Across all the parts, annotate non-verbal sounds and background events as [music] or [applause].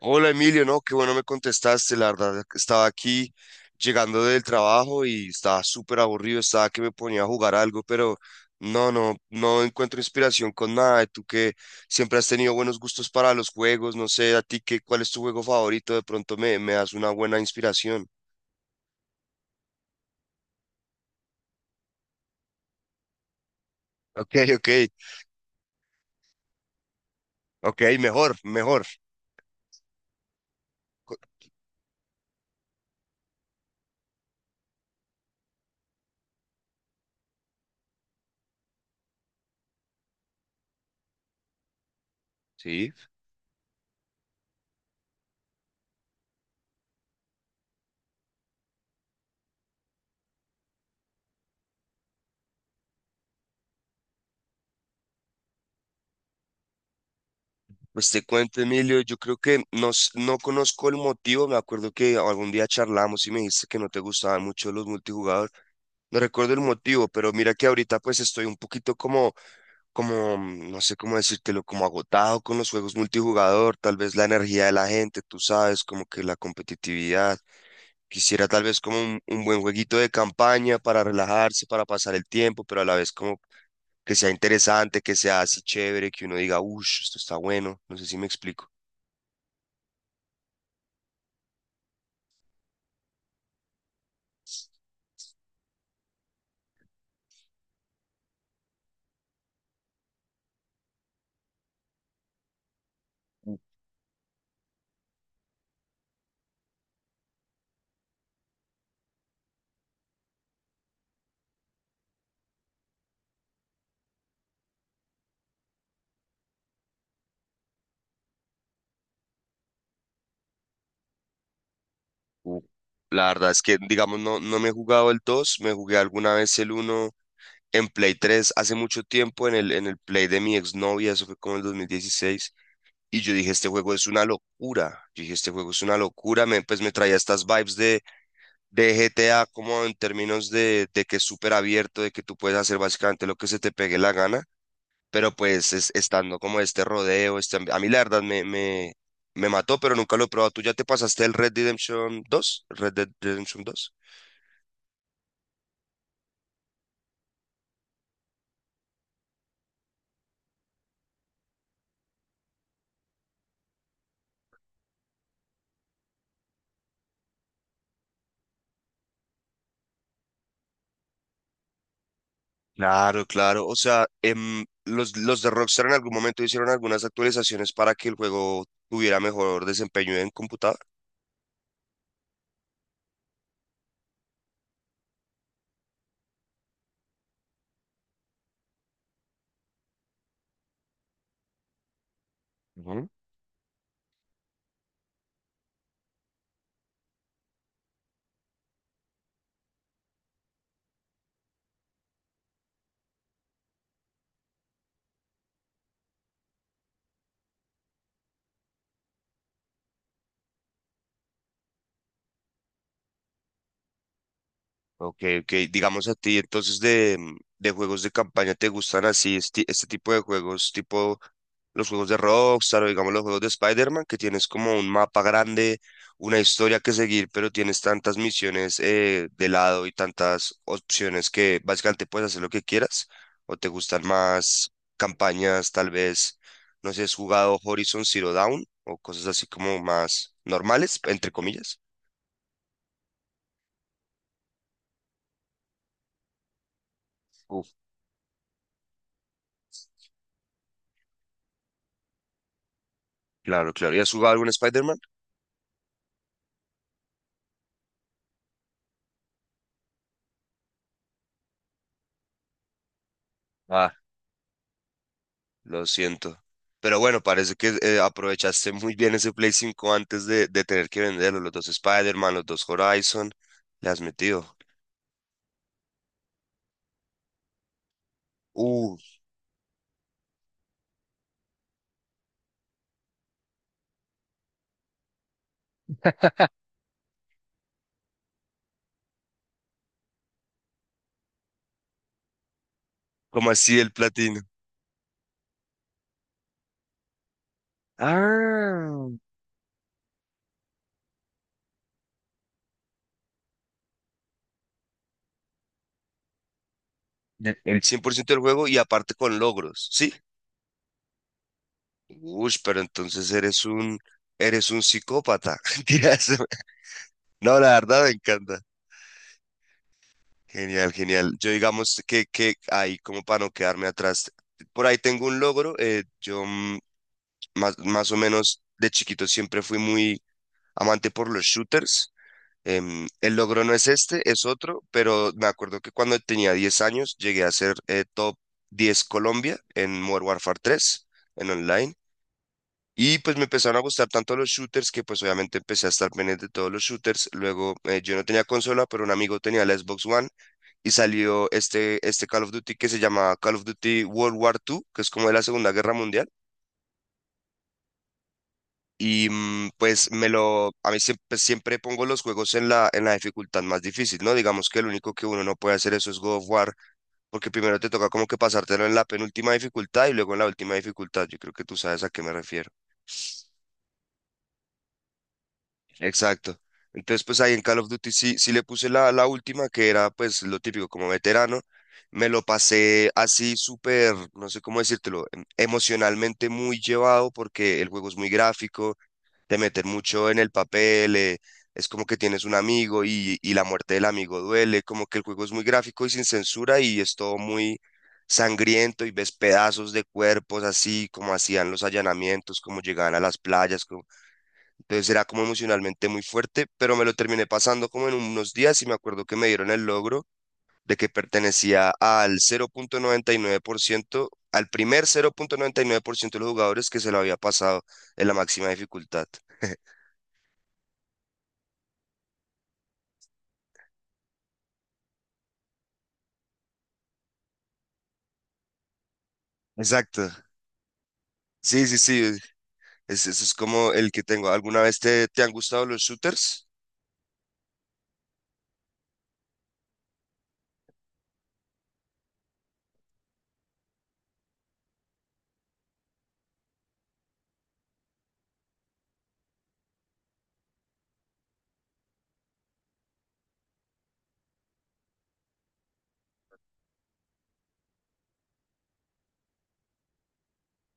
Hola Emilio, no, qué bueno me contestaste, la verdad que estaba aquí llegando del trabajo y estaba súper aburrido, estaba que me ponía a jugar algo, pero no, no, no encuentro inspiración con nada. Y tú que siempre has tenido buenos gustos para los juegos, no sé, a ti qué, cuál es tu juego favorito, de pronto me das una buena inspiración. Ok, ok, ok, mejor, mejor. Co- Sí. Pues te cuento, Emilio, yo creo que no, no conozco el motivo, me acuerdo que algún día charlamos y me dijiste que no te gustaban mucho los multijugadores. No recuerdo el motivo, pero mira que ahorita pues estoy un poquito como, no sé cómo decírtelo, como agotado con los juegos multijugador, tal vez la energía de la gente, tú sabes, como que la competitividad. Quisiera tal vez como un buen jueguito de campaña para relajarse, para pasar el tiempo, pero a la vez como que sea interesante, que sea así chévere, que uno diga, uff, esto está bueno, no sé si me explico. Uh, uh. La verdad es que, digamos, no, no me he jugado el 2, me jugué alguna vez el uno. En Play 3 hace mucho tiempo, en el Play de mi exnovia, eso fue como en el 2016, y yo dije, este juego es una locura, yo dije, este juego es una locura, me, pues me traía estas vibes de GTA como en términos de que es súper abierto, de que tú puedes hacer básicamente lo que se te pegue la gana, pero pues estando como este rodeo, a mí la verdad me mató, pero nunca lo he probado. ¿Tú ya te pasaste el Red Dead Redemption 2? ¿Red Dead Redemption 2? Claro, claro. O sea, los de Rockstar en algún momento hicieron algunas actualizaciones para que el juego tuviera mejor desempeño en computador. Ok, ok. Digamos a ti, entonces de juegos de campaña, ¿te gustan así este tipo de juegos, tipo los juegos de Rockstar o digamos los juegos de Spider-Man, que tienes como un mapa grande, una historia que seguir, pero tienes tantas misiones de lado y tantas opciones que básicamente puedes hacer lo que quieras? ¿O te gustan más campañas, tal vez, no sé, has jugado Horizon Zero Dawn o cosas así como más normales, entre comillas? Uf, claro, claro. ¿Y has jugado algún Spider-Man? Lo siento. Pero bueno, parece que aprovechaste muy bien ese Play 5 antes de tener que venderlo. Los dos Spider-Man, los dos Horizon, le has metido. Uh, ¿Cómo así el platino? Ah, el 100% del juego y aparte con logros, ¿sí? Uy, pero entonces eres un psicópata. [laughs] Mentiras. No, la verdad me encanta. Genial, genial. Yo digamos que, ahí como para no quedarme atrás. Por ahí tengo un logro. Yo más o menos de chiquito siempre fui muy amante por los shooters. El logro no es este, es otro, pero me acuerdo que cuando tenía 10 años llegué a ser top 10 Colombia en Modern Warfare 3 en online. Y pues me empezaron a gustar tanto los shooters que pues obviamente empecé a estar pendiente de todos los shooters. Luego yo no tenía consola, pero un amigo tenía la Xbox One y salió este Call of Duty que se llama Call of Duty World War II, que es como de la Segunda Guerra Mundial. Y pues me lo, a mí siempre, pues, siempre pongo los juegos en la dificultad más difícil, ¿no? Digamos que lo único que uno no puede hacer eso es God of War, porque primero te toca como que pasártelo en la penúltima dificultad y luego en la última dificultad. Yo creo que tú sabes a qué me refiero. Exacto. Entonces, pues ahí en Call of Duty sí, sí le puse la última, que era pues lo típico como veterano. Me lo pasé así súper, no sé cómo decírtelo, emocionalmente muy llevado porque el juego es muy gráfico, te meter mucho en el papel, es como que tienes un amigo y la muerte del amigo duele, como que el juego es muy gráfico y sin censura y es todo muy sangriento y ves pedazos de cuerpos así, como hacían los allanamientos, como llegaban a las playas, entonces era como emocionalmente muy fuerte, pero me lo terminé pasando como en unos días y me acuerdo que me dieron el logro de que pertenecía al 0.99%, al primer 0.99% de los jugadores que se lo había pasado en la máxima dificultad. Exacto. Sí, sí, sí, eso es como el que tengo. ¿Alguna vez te han gustado los shooters?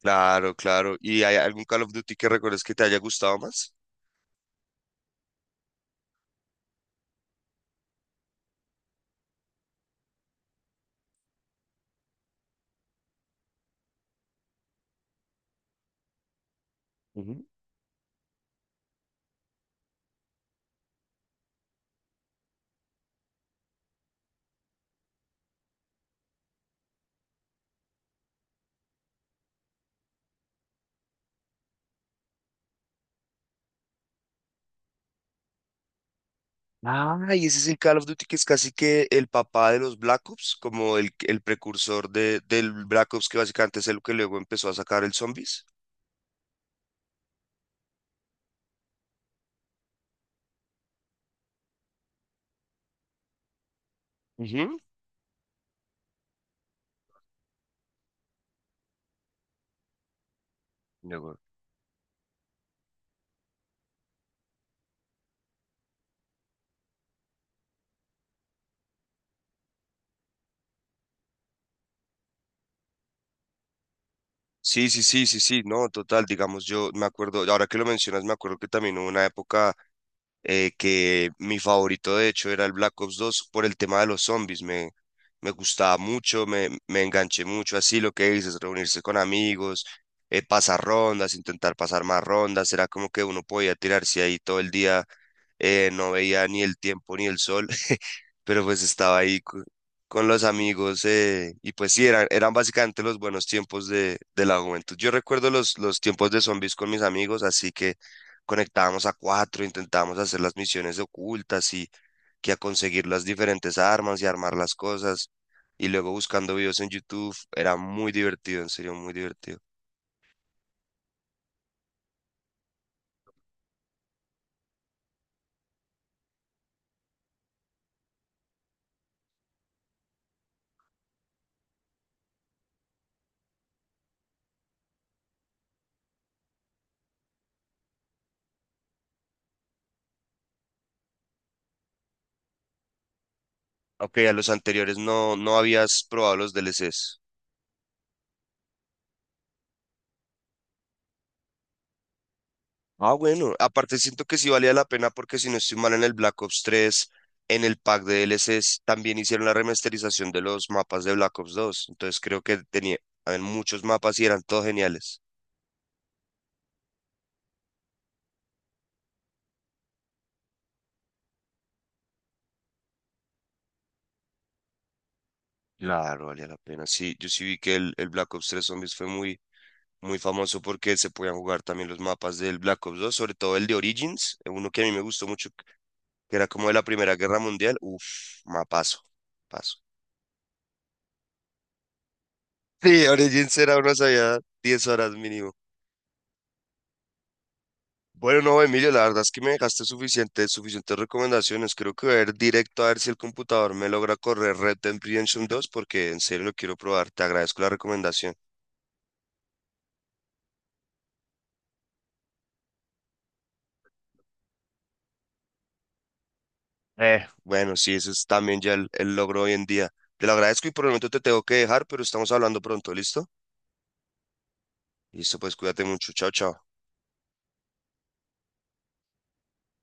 Claro, claro. ¿Y hay algún Call of Duty que recuerdes que te haya gustado más? Ujú. Ah, y ese es el Call of Duty que es casi que el papá de los Black Ops, como el precursor del Black Ops que básicamente es el que luego empezó a sacar el Zombies. Ujú. Luego- Sí, sí, sí, sí, sí, no, total, digamos, yo me acuerdo, ahora que lo mencionas, me acuerdo que también hubo una época que mi favorito de hecho era el Black Ops 2 por el tema de los zombies, me gustaba mucho, me enganché mucho, así lo que dices, reunirse con amigos, pasar rondas, intentar pasar más rondas, era como que uno podía tirarse ahí todo el día, no veía ni el tiempo ni el sol pero pues estaba ahí con los amigos y pues sí, eran básicamente los buenos tiempos de la juventud. Yo recuerdo los tiempos de zombies con mis amigos, así que conectábamos a cuatro, intentábamos hacer las misiones ocultas y que a conseguir las diferentes armas y armar las cosas. Y luego buscando videos en YouTube, era muy divertido, en serio, muy divertido. Aunque a los anteriores no, no habías probado los DLCs. Ah, bueno, aparte siento que sí valía la pena porque si no estoy mal en el Black Ops 3, en el pack de DLCs también hicieron la remasterización de los mapas de Black Ops 2. Entonces creo que tenía habían muchos mapas y eran todos geniales. Claro, valía la pena. Sí, yo sí vi que el Black Ops 3 Zombies fue muy, muy famoso porque se podían jugar también los mapas del Black Ops 2, sobre todo el de Origins, uno que a mí me gustó mucho, que era como de la Primera Guerra Mundial. Uf, mapazo, paso. Sí, Origins era uno, sabía 10 horas mínimo. Bueno, no, Emilio, la verdad es que me dejaste suficiente, suficientes recomendaciones. Creo que voy a ir directo a ver si el computador me logra correr Red Dead Redemption 2, porque en serio lo quiero probar. Te agradezco la recomendación. Bueno, sí, ese es también ya el logro hoy en día. Te lo agradezco y por el momento te tengo que dejar, pero estamos hablando pronto, ¿listo? Listo, pues cuídate mucho. Chao, chao.